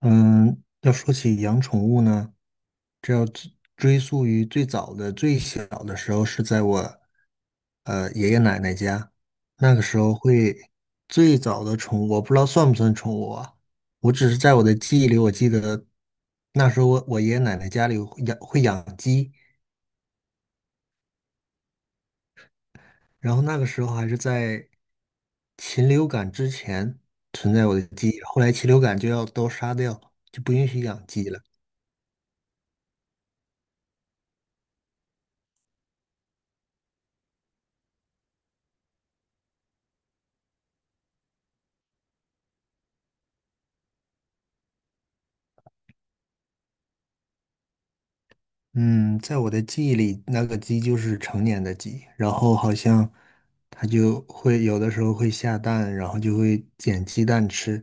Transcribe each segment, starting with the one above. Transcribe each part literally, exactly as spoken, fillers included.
嗯，要说起养宠物呢，这要追追溯于最早的、最小的时候，是在我呃爷爷奶奶家。那个时候会最早的宠物，我不知道算不算宠物啊？我只是在我的记忆里，我记得那时候我我爷爷奶奶家里会养会养鸡，然后那个时候还是在禽流感之前存在我的记忆，后来禽流感就要都杀掉，就不允许养鸡了。嗯，在我的记忆里，那个鸡就是成年的鸡，然后好像它就会有的时候会下蛋，然后就会捡鸡蛋吃。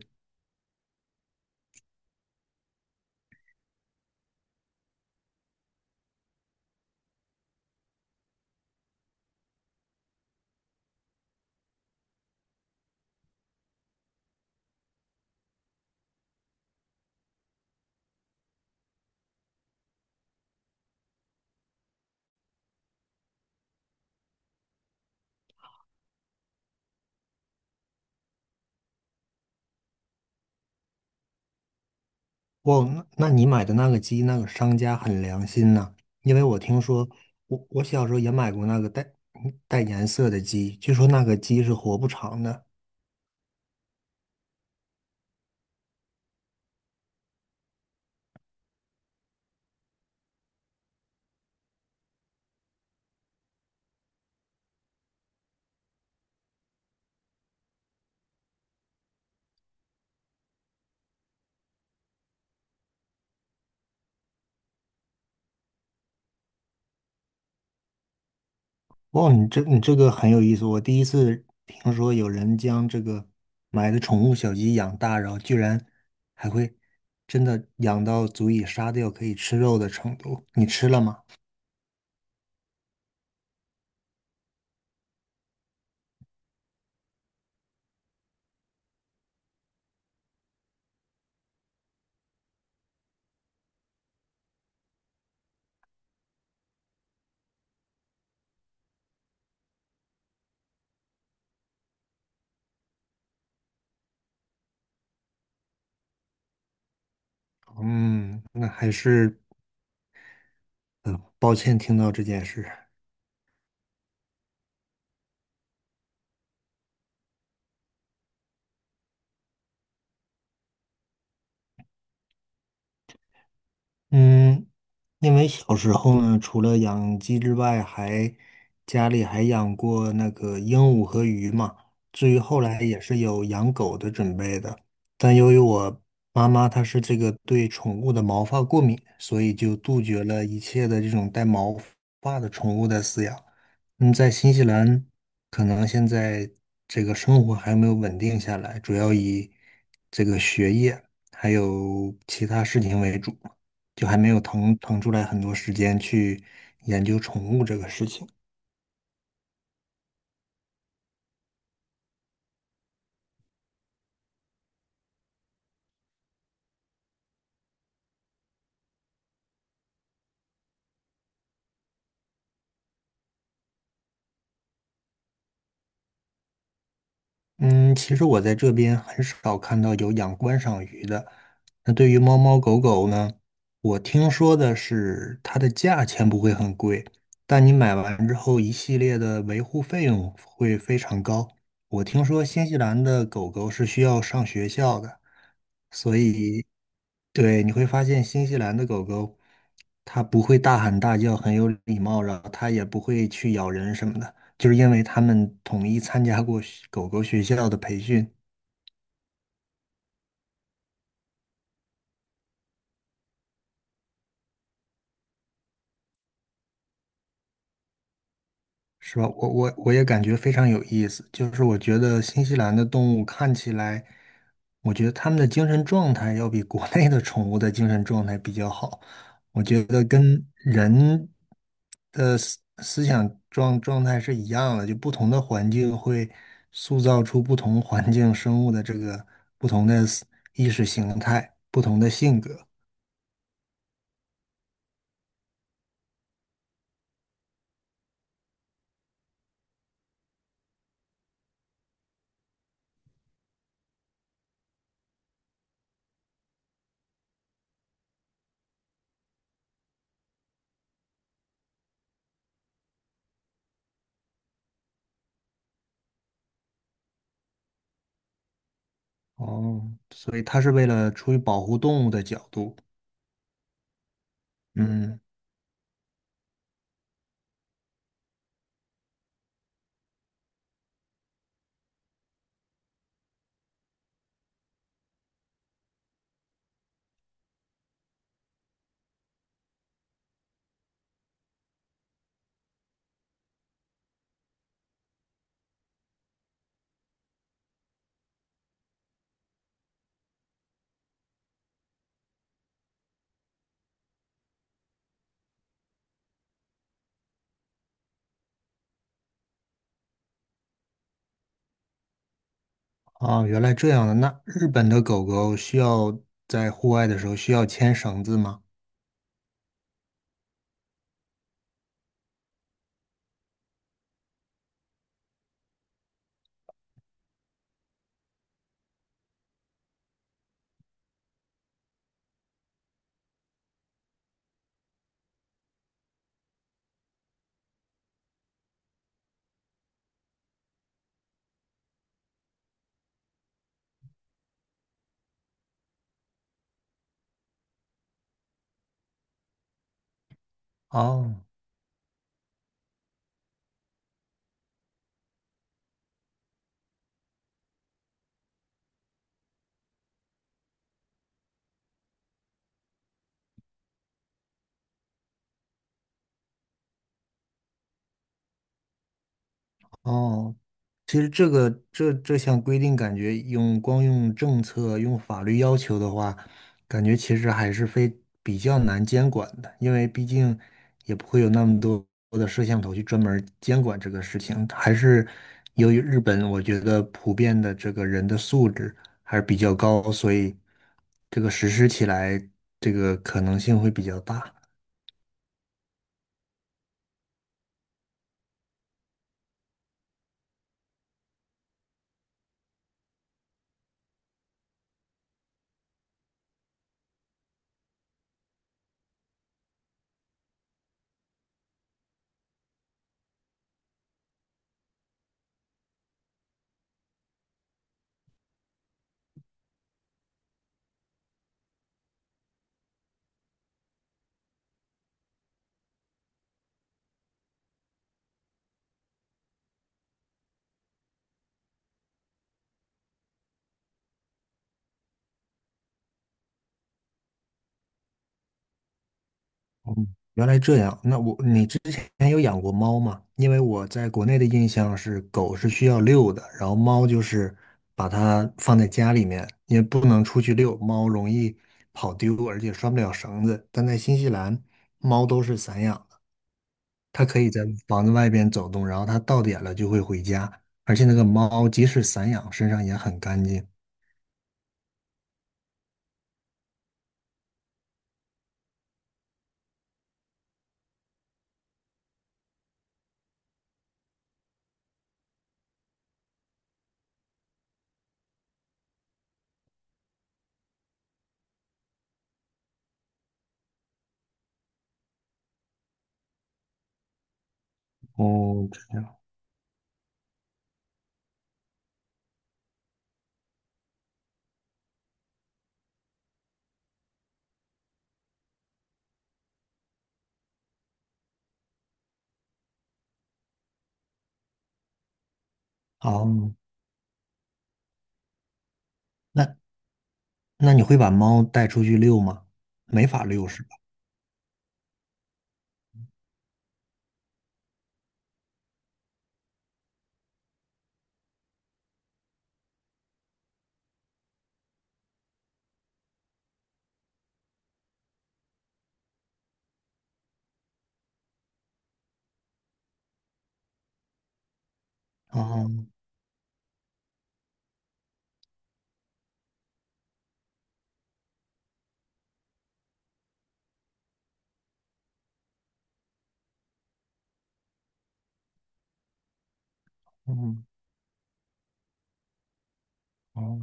哇，那那你买的那个鸡，那个商家很良心呐，因为我听说，我我小时候也买过那个带嗯带颜色的鸡，据说那个鸡是活不长的。哦，你这你这个很有意思，我第一次听说有人将这个买的宠物小鸡养大，然后居然还会真的养到足以杀掉可以吃肉的程度。你吃了吗？嗯，那还是呃，抱歉听到这件事。嗯，因为小时候呢，除了养鸡之外，还家里还养过那个鹦鹉和鱼嘛。至于后来也是有养狗的准备的，但由于我妈妈她是这个对宠物的毛发过敏，所以就杜绝了一切的这种带毛发的宠物的饲养。嗯，在新西兰，可能现在这个生活还没有稳定下来，主要以这个学业还有其他事情为主。就还没有腾腾出来很多时间去研究宠物这个事情。嗯，其实我在这边很少看到有养观赏鱼的。那对于猫猫狗狗呢，我听说的是它的价钱不会很贵，但你买完之后一系列的维护费用会非常高。我听说新西兰的狗狗是需要上学校的，所以对你会发现新西兰的狗狗它不会大喊大叫，很有礼貌，然后它也不会去咬人什么的。就是因为他们统一参加过学狗狗学校的培训，是吧？我我我也感觉非常有意思。就是我觉得新西兰的动物看起来，我觉得他们的精神状态要比国内的宠物的精神状态比较好。我觉得跟人的思思想状状态是一样的，就不同的环境会塑造出不同环境生物的这个不同的思意识形态、不同的性格。哦，所以它是为了出于保护动物的角度，嗯，啊，原来这样的。那日本的狗狗需要在户外的时候需要牵绳子吗？哦哦，其实这个这这项规定，感觉用光用政策、用法律要求的话，感觉其实还是非比较难监管的，因为毕竟也不会有那么多的摄像头去专门儿监管这个事情。还是由于日本，我觉得普遍的这个人的素质还是比较高，所以这个实施起来这个可能性会比较大。哦，原来这样。那我，你之前有养过猫吗？因为我在国内的印象是狗是需要遛的，然后猫就是把它放在家里面，也不能出去遛，猫容易跑丢，而且拴不了绳子。但在新西兰，猫都是散养的，它可以在房子外边走动，然后它到点了就会回家。而且那个猫即使散养，身上也很干净。哦，这样。哦，那那你会把猫带出去遛吗？没法遛是吧？哦。嗯，哦，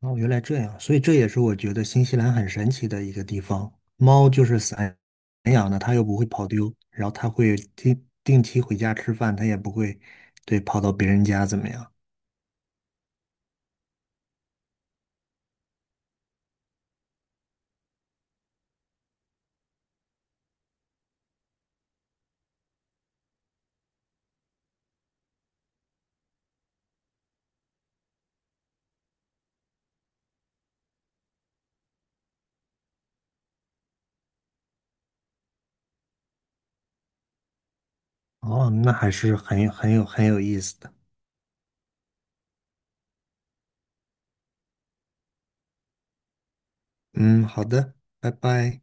哦，原来这样，所以这也是我觉得新西兰很神奇的一个地方。猫就是散养的，它又不会跑丢，然后它会定定期回家吃饭，它也不会对跑到别人家怎么样。哦，那还是很有很有很有意思的。嗯，好的，拜拜。